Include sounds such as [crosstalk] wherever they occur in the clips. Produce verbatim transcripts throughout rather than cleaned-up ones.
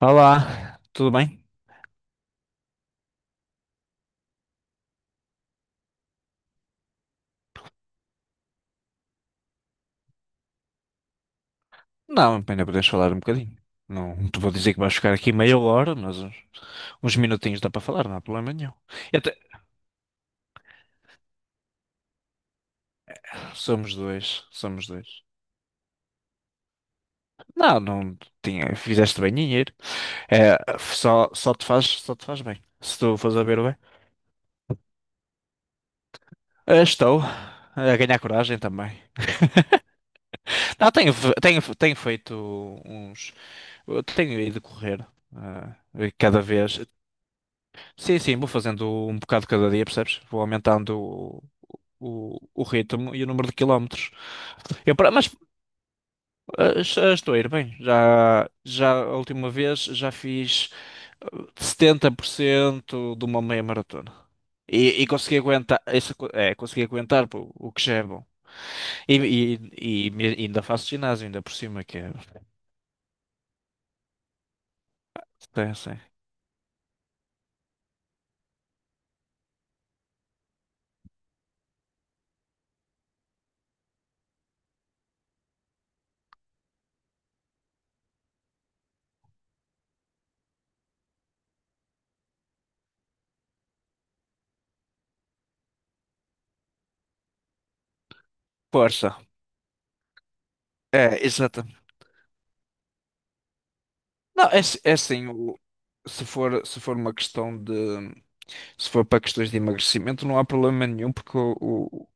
Olá, tudo bem? Não, ainda podes falar um bocadinho. Não te vou dizer que vais ficar aqui meia hora, mas uns, uns minutinhos dá para falar, não há problema nenhum. E até- Somos dois, somos dois. Não, não tinha, fizeste bem em ir. É, só, só te faz, só te faz bem. Se tu fores a ver bem. Eh, Estou a ganhar coragem também. Não, tenho, fe- tenho, fe- tenho feito uns. Eu tenho ido correr. Eh, cada vez. Sim, sim, vou fazendo um bocado cada dia, percebes? Vou aumentando o, o, o ritmo e o número de quilómetros. Eu, pra- mas ah, já estou a ir bem. Já, já a última vez já fiz eh, setenta por cento de uma meia maratona. E, e consegui aguentar isso. Co- é, consegui aguentar pô, o que já é bom. E, e, e me- ainda faço ginásio, ainda por cima, que é. Sim, sim. Força. É, exatamente. Não, é, é assim, o- se for, se for uma questão de. Se for para questões de emagrecimento, não há problema nenhum, porque o- o-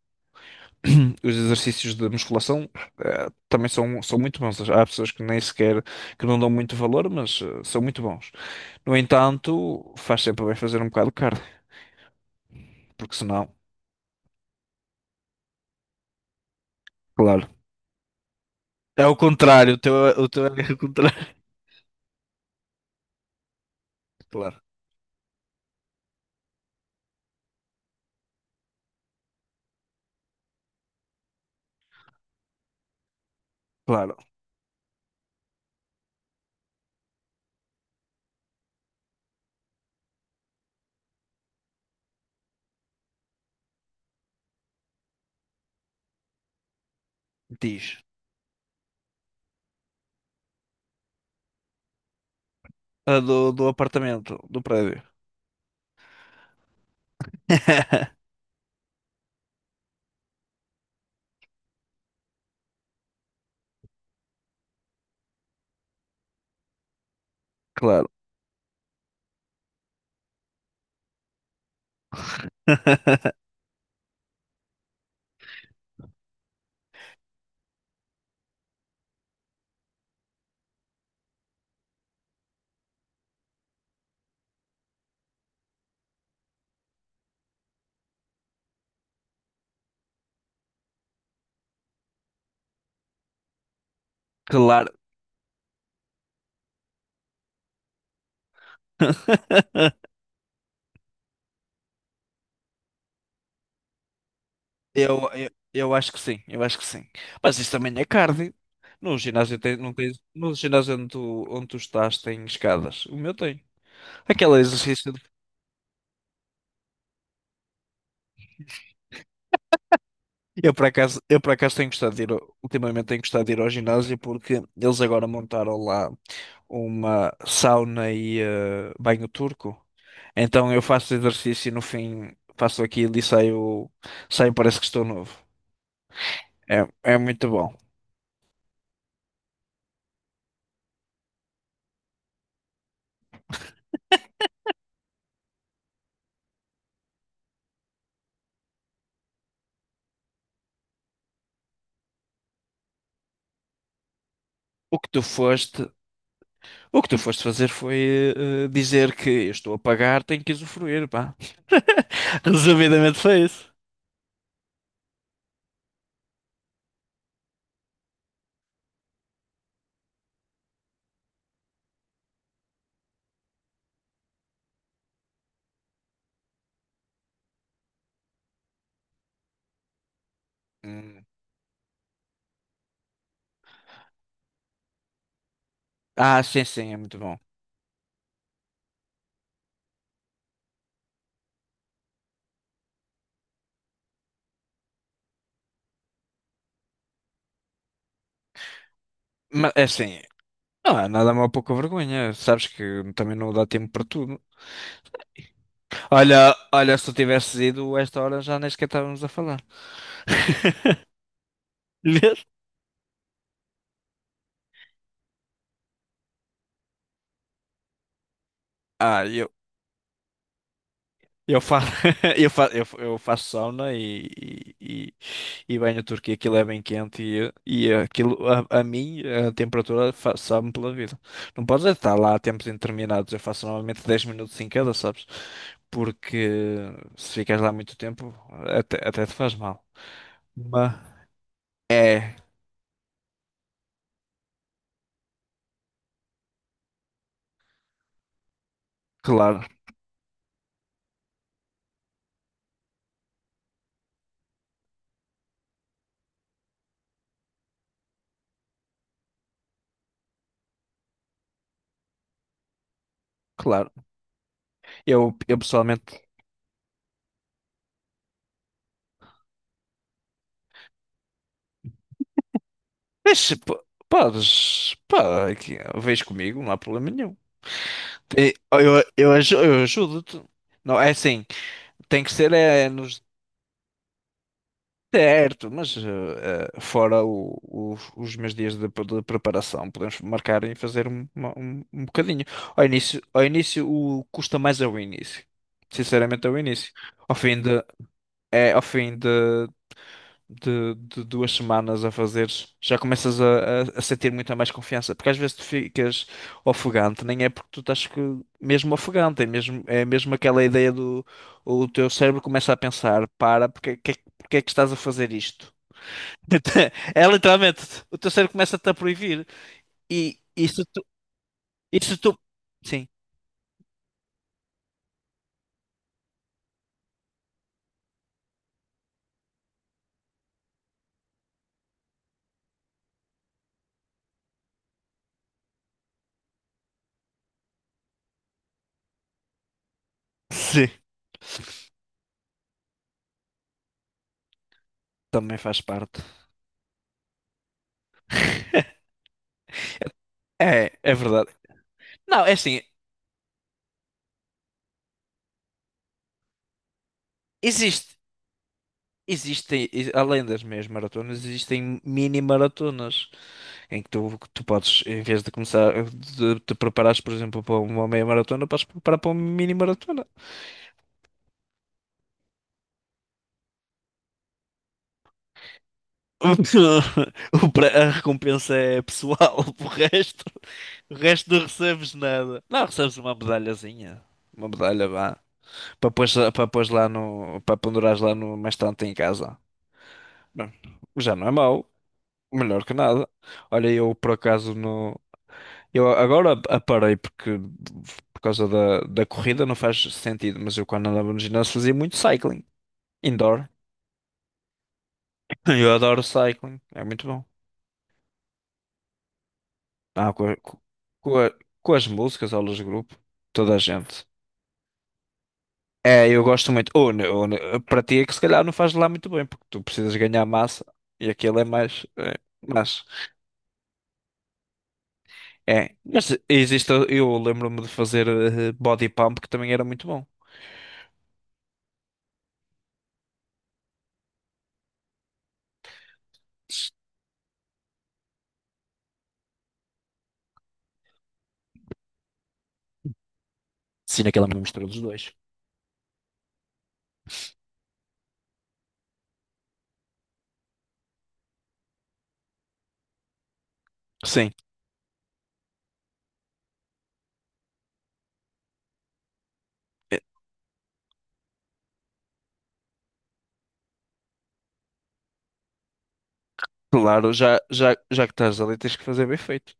[clears throat] os exercícios de musculação eh, também são, são, muito bons. Há pessoas que nem sequer, que não dão muito valor, mas eh, são muito bons. No entanto, faz sempre bem fazer um bocado de cardio, porque senão, claro. É o contrário, o teu, o teu é o contrário. [laughs] Claro, claro. Diz. A do, do apartamento, do prédio. [laughs] Claro. [laughs] Claro. [laughs] Eu, eu, eu acho que sim, eu acho que sim. Mas isso também é cardio. No ginásio tem, não tens, no ginásio onde tu, onde tu estás tem escadas. O meu tem. Aquele exercício. de- Eu por acaso, eu por acaso tenho gostado de ir, ao- ultimamente tenho gostado de ir ao ginásio porque eles agora montaram lá uma sauna e eh, banho turco. Então eu faço exercício e no fim faço aquilo e saio, saio parece que estou novo. É, é muito bom. O que tu foste O que tu foste fazer foi eh, dizer que eu estou a pagar, tenho que usufruir, pá. [laughs] Resumidamente foi isso. Hum. Ah, sim, sim, é muito bom. Mas é assim, não há nada mal pouca vergonha. Sabes que também não dá tempo para tudo. Olha, olha, se tu tivesses ido a esta hora já nem sequer estávamos a falar. [laughs] Ah, eu, eu, fa [laughs] eu, fa, eu, eu faço sauna e, e, e, e banho turco e aquilo é bem quente e, e aquilo, a, a mim, a temperatura fa- sabe-me pela vida. Não podes é estar lá a tempos indeterminados. Eu faço normalmente dez minutos em cada, sabes? Porque se ficas lá muito tempo, até, até te faz mal. Mas, é, claro, claro. Eu, eu pessoalmente. Mas p- Podes, pá, aqui, vês comigo, não há problema nenhum. E Eu, eu, aju- eu ajudo-te. Não, é assim, tem que ser é, nos certo, mas eh, eh, fora o- o- os meus dias de, de preparação, podemos marcar e fazer um, uma- um, um bocadinho. Ao início, ao início o, custa mais ao início. Sinceramente, ao início. Ao fim de, é, ao fim de de, de duas semanas a fazeres, já começas a, a, a sentir muita mais confiança. Porque às vezes tu ficas ofegante, nem é porque tu estás que- mesmo ofegante, é mesmo, é mesmo aquela ideia do o teu cérebro começa a pensar, para, porque, que, porque é que estás a fazer isto? [laughs] É literalmente, o teu cérebro começa-te a proibir. E isso tu, isso tu, sim, sim, também faz parte. É, é verdade. Não, é assim, existe. Existem, e- além das meias maratonas, existem mini maratonas em que tu, que tu, podes, em vez de começar, de te preparares, por exemplo, para uma meia maratona, podes preparar para uma mini maratona. [laughs] O pre- A recompensa é pessoal, [laughs] o resto, o resto não recebes nada. Não, recebes uma medalhazinha, uma medalha, vá, para pôr, para pôr lá no, para pendurares lá no, mais tanto em casa. Bom, já não é mau, melhor que nada. Olha, eu por acaso no. Eu agora aparei porque por causa da, da corrida não faz sentido, mas eu quando andava no ginásio fazia muito cycling, indoor. [laughs] Eu adoro cycling, é muito bom. Ah, com, a- co- com, a- com as músicas, aulas de grupo, toda a gente. É, eu gosto muito. Ou, ne- ou, ne- para ti é que se calhar não faz lá muito bem, porque tu precisas ganhar massa e aquilo é mais. É, mas é. Mas existe, eu lembro-me de fazer eh, body pump que também era muito bom. Sim, naquela mistura dos dois. Sim. Claro, já, já, já que estás ali, tens que fazer bem feito.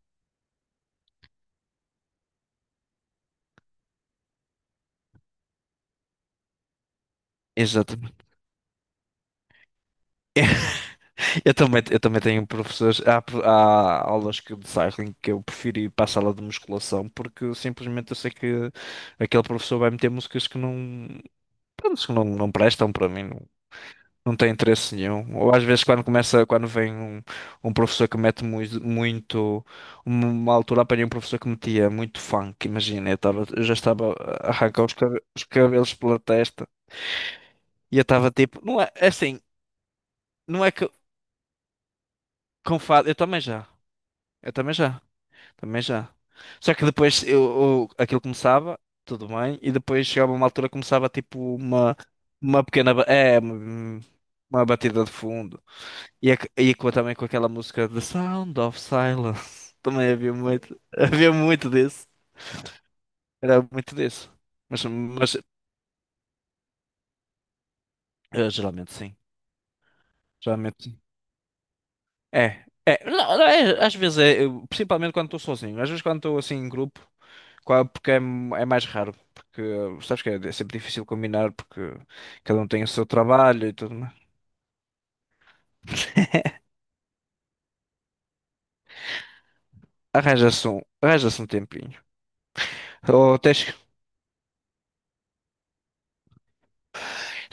Exatamente. Eu também, eu também tenho professores. Há, pro- há aulas que, de cycling que eu prefiro ir para a sala de musculação porque simplesmente eu sei que aquele professor vai meter músicas que não, pronto, que não, não prestam para mim, não, não tem interesse nenhum. Ou às vezes quando começa, quando vem um, um, professor que mete muito, muito, uma altura apanhei um professor que metia muito funk, imagina, eu, estava eu já estava a arrancar os cabe- os cabelos pela testa. E eu estava tipo, não é é assim, não é que com fado, eu também já, eu também já, também já. Só que depois eu, eu- aquilo começava, tudo bem, e depois chegava uma altura que começava tipo uma, uma pequena, ba- é, uma, uma batida de fundo. E, ac- e com, também com aquela música The Sound of Silence, [laughs] também havia muito, [laughs] havia muito disso, era muito disso. Mas, mas eh, geralmente sim, geralmente. É, é, não, não é- às vezes é, eu- principalmente quando estou sozinho, às vezes quando estou assim em grupo, qua- porque é, é mais raro, porque sabes que é, é sempre difícil combinar, porque cada um tem o seu trabalho e tudo mais. [laughs] Arranja-se um, arranja-se um tempinho. Ou tens que.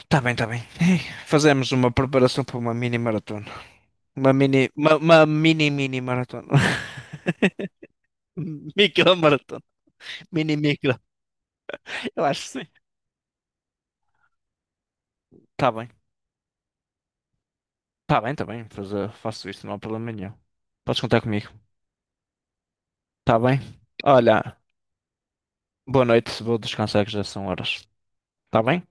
Tá bem, tá bem. [laughs] Fazemos uma preparação para uma mini maratona. Uma mini, uma, uma mini, mini maratona. [laughs] Micro maratona. Mini, micro. Eu acho que sim. Tá bem, tá bem, tá bem. Fazer- faço isso, não há problema nenhum. Podes contar comigo. Tá bem? Olha, boa noite, vou descansar que já são horas. Tá bem?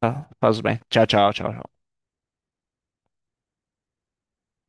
Tá, faz bem. Tchau, tchau, tchau.